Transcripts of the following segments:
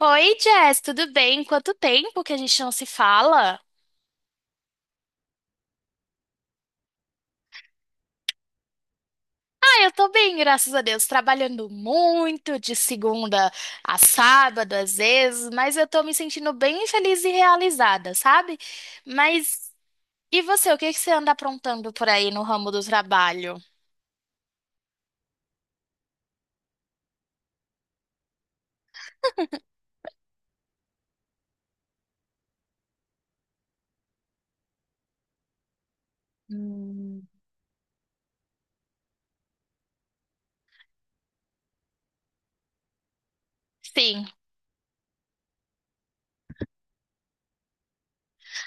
Oi, Jess, tudo bem? Quanto tempo que a gente não se fala? Ah, eu tô bem, graças a Deus. Trabalhando muito, de segunda a sábado, às vezes, mas eu tô me sentindo bem feliz e realizada, sabe? Mas e você, o que que você anda aprontando por aí no ramo do trabalho? Hum. Sim.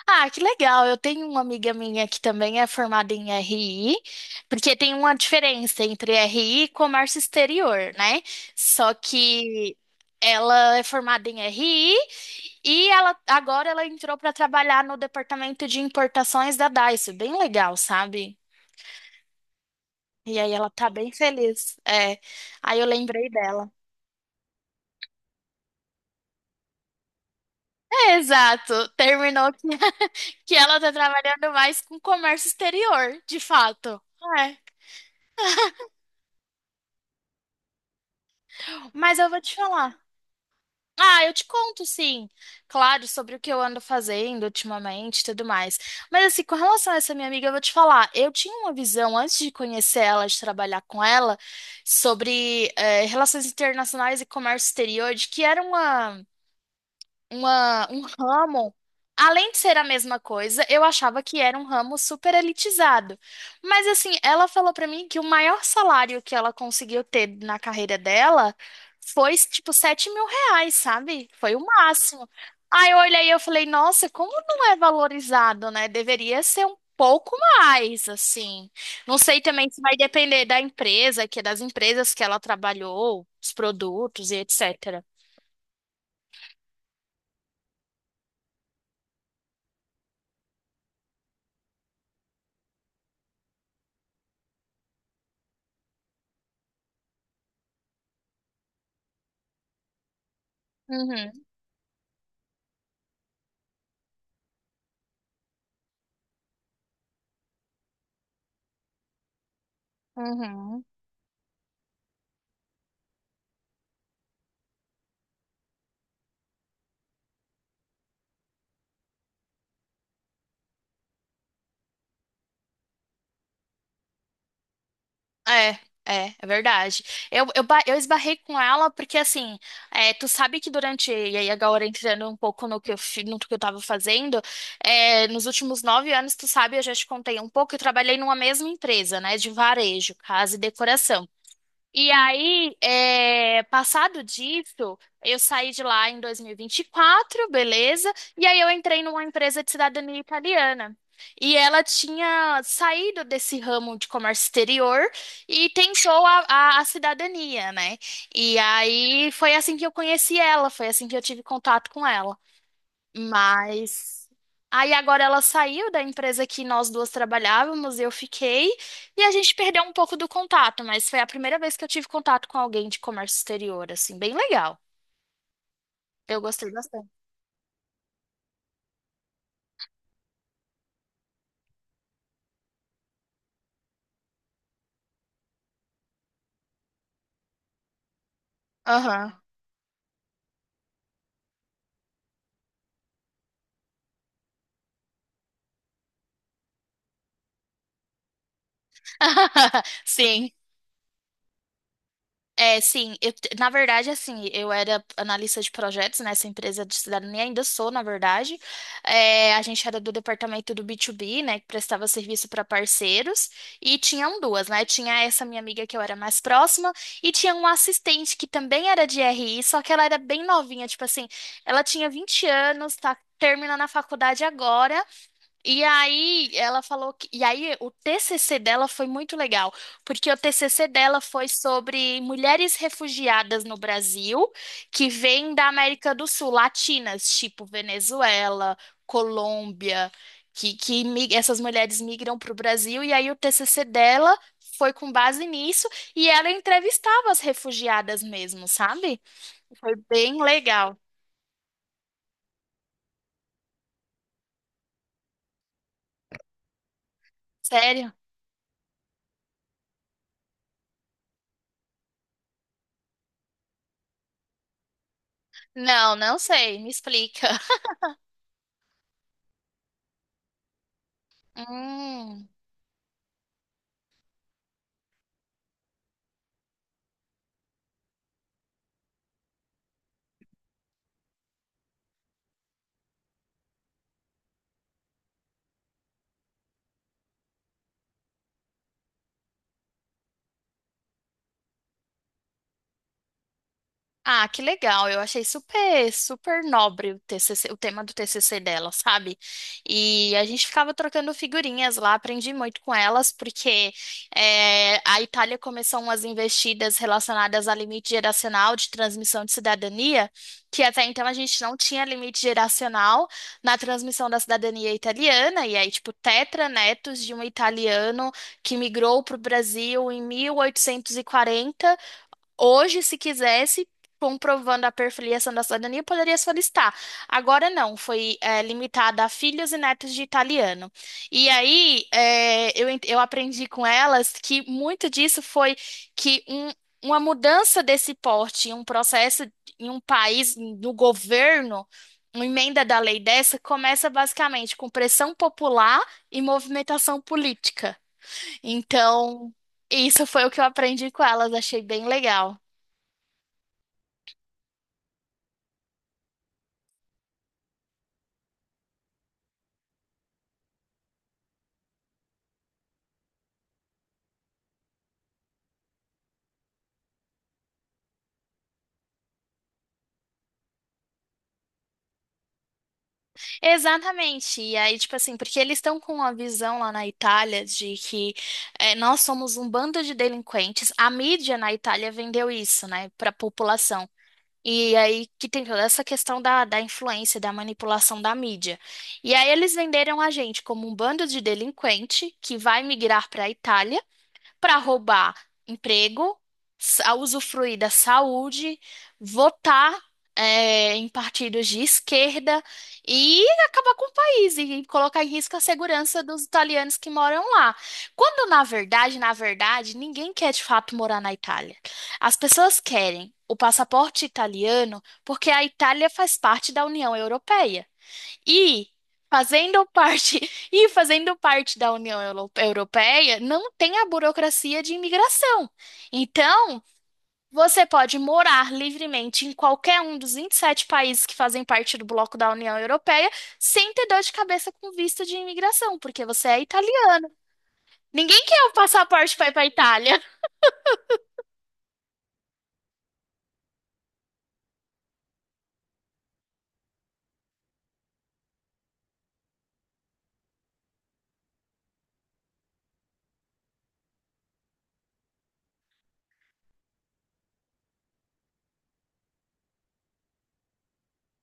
Ah, que legal. Eu tenho uma amiga minha que também é formada em RI, porque tem uma diferença entre RI e comércio exterior, né? Só que ela é formada em RI e ela agora ela entrou para trabalhar no departamento de importações da Daiso. Bem legal, sabe? E aí ela tá bem feliz. É. Aí eu lembrei dela. É, exato. Terminou que, que ela tá trabalhando mais com comércio exterior, de fato. É. Mas eu vou te falar. Ah, eu te conto, sim. Claro, sobre o que eu ando fazendo ultimamente e tudo mais. Mas, assim, com relação a essa minha amiga, eu vou te falar. Eu tinha uma visão, antes de conhecer ela, de trabalhar com ela, sobre relações internacionais e comércio exterior, de que era um ramo, além de ser a mesma coisa, eu achava que era um ramo super elitizado. Mas assim, ela falou pra mim que o maior salário que ela conseguiu ter na carreira dela foi tipo R$ 7.000, sabe? Foi o máximo. Aí eu olhei e eu falei, nossa, como não é valorizado, né? Deveria ser um pouco mais, assim. Não sei também se vai depender da empresa, que é das empresas que ela trabalhou, os produtos e etc. Uhum, uhum. É, é, é verdade. Eu esbarrei com ela porque, assim, é, tu sabe que durante, e aí agora entrando um pouco no que no que eu tava fazendo, é, nos últimos 9 anos, tu sabe, eu já te contei um pouco, eu trabalhei numa mesma empresa, né, de varejo, casa e decoração. E aí, é, passado disso, eu saí de lá em 2024, beleza? E aí eu entrei numa empresa de cidadania italiana. E ela tinha saído desse ramo de comércio exterior e tentou a cidadania, né? E aí foi assim que eu conheci ela, foi assim que eu tive contato com ela. Mas aí agora ela saiu da empresa que nós duas trabalhávamos, eu fiquei, e a gente perdeu um pouco do contato, mas foi a primeira vez que eu tive contato com alguém de comércio exterior, assim, bem legal. Eu gostei bastante. Aham. Sim. É, sim, na verdade, assim, eu era analista de projetos nessa empresa de cidadania, ainda sou, na verdade. É, a gente era do departamento do B2B, né, que prestava serviço para parceiros, e tinham duas, né? Tinha essa minha amiga que eu era mais próxima, e tinha uma assistente que também era de RI, só que ela era bem novinha, tipo assim, ela tinha 20 anos, tá terminando a faculdade agora, e aí ela falou que, e aí o TCC dela foi muito legal, porque o TCC dela foi sobre mulheres refugiadas no Brasil que vêm da América do Sul, latinas, tipo Venezuela, Colômbia, essas mulheres migram para o Brasil, e aí o TCC dela foi com base nisso, e ela entrevistava as refugiadas mesmo, sabe? Foi bem legal. Sério? Não, não sei, me explica. Hum. Ah, que legal. Eu achei super, super nobre o TCC, o tema do TCC dela, sabe? E a gente ficava trocando figurinhas lá, aprendi muito com elas, porque a Itália começou umas investidas relacionadas a limite geracional de transmissão de cidadania, que até então a gente não tinha limite geracional na transmissão da cidadania italiana, e aí, tipo, tetranetos de um italiano que migrou para o Brasil em 1840. Hoje, se quisesse, comprovando a perfiliação da cidadania, poderia solicitar. Agora não, foi limitada a filhos e netos de italiano. E aí, é, eu aprendi com elas que muito disso foi que uma mudança desse porte, um processo em um país, no governo, uma emenda da lei dessa, começa basicamente com pressão popular e movimentação política. Então, isso foi o que eu aprendi com elas, achei bem legal. Exatamente. E aí, tipo assim, porque eles estão com uma visão lá na Itália de que nós somos um bando de delinquentes. A mídia na Itália vendeu isso, né, para a população. E aí que tem toda essa questão da influência, da manipulação da mídia. E aí eles venderam a gente como um bando de delinquente que vai migrar para a Itália para roubar emprego, usufruir da saúde, votar em partidos de esquerda e acabar com o país e colocar em risco a segurança dos italianos que moram lá. Quando, na verdade, ninguém quer de fato morar na Itália. As pessoas querem o passaporte italiano porque a Itália faz parte da União Europeia. E fazendo parte, e fazendo parte da União Euro- Europeia, não tem a burocracia de imigração. Então, você pode morar livremente em qualquer um dos 27 países que fazem parte do bloco da União Europeia, sem ter dor de cabeça com visto de imigração, porque você é italiano. Ninguém quer o passaporte para ir para Itália.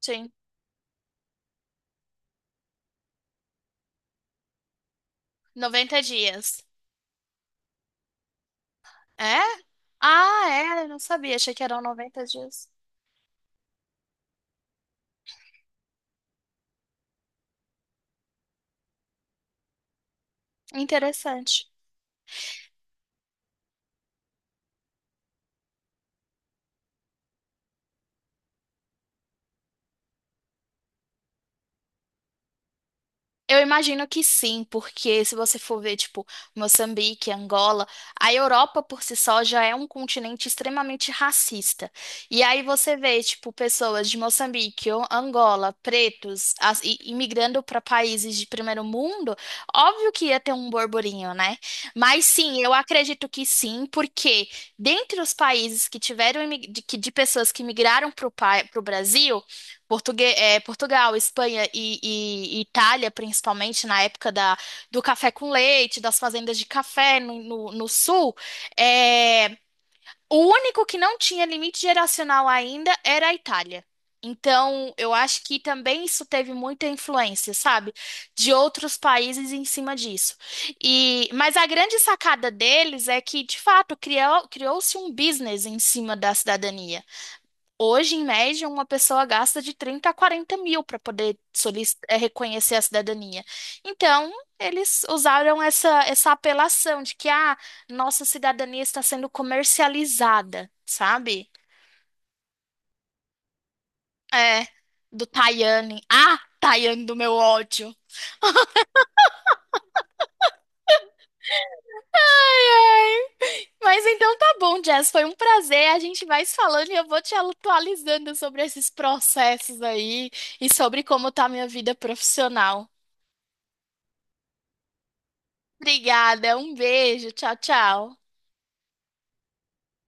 Sim, 90 dias. É? Ah, é, eu não sabia, achei que eram 90 dias. Interessante. Eu imagino que sim, porque se você for ver, tipo, Moçambique, Angola, a Europa por si só já é um continente extremamente racista. E aí você vê, tipo, pessoas de Moçambique ou Angola, pretos, imigrando para países de primeiro mundo, óbvio que ia ter um borburinho, né? Mas sim, eu acredito que sim, porque dentre os países que tiveram de pessoas que migraram para o Brasil, Portugal, Espanha e Itália, principalmente na época do café com leite, das fazendas de café no sul, é, o único que não tinha limite geracional ainda era a Itália. Então, eu acho que também isso teve muita influência, sabe, de outros países em cima disso. E, mas a grande sacada deles é que, de fato, criou-se um business em cima da cidadania. Hoje, em média, uma pessoa gasta de 30 a 40 mil para poder reconhecer a cidadania. Então, eles usaram essa apelação de que a nossa cidadania está sendo comercializada, sabe? É, do Tayane. Ah, Tayane do meu ódio. Ai, ai. Mas então tá bom, Jess. Foi um prazer. A gente vai se falando e eu vou te atualizando sobre esses processos aí e sobre como tá a minha vida profissional. Obrigada, um beijo, tchau, tchau.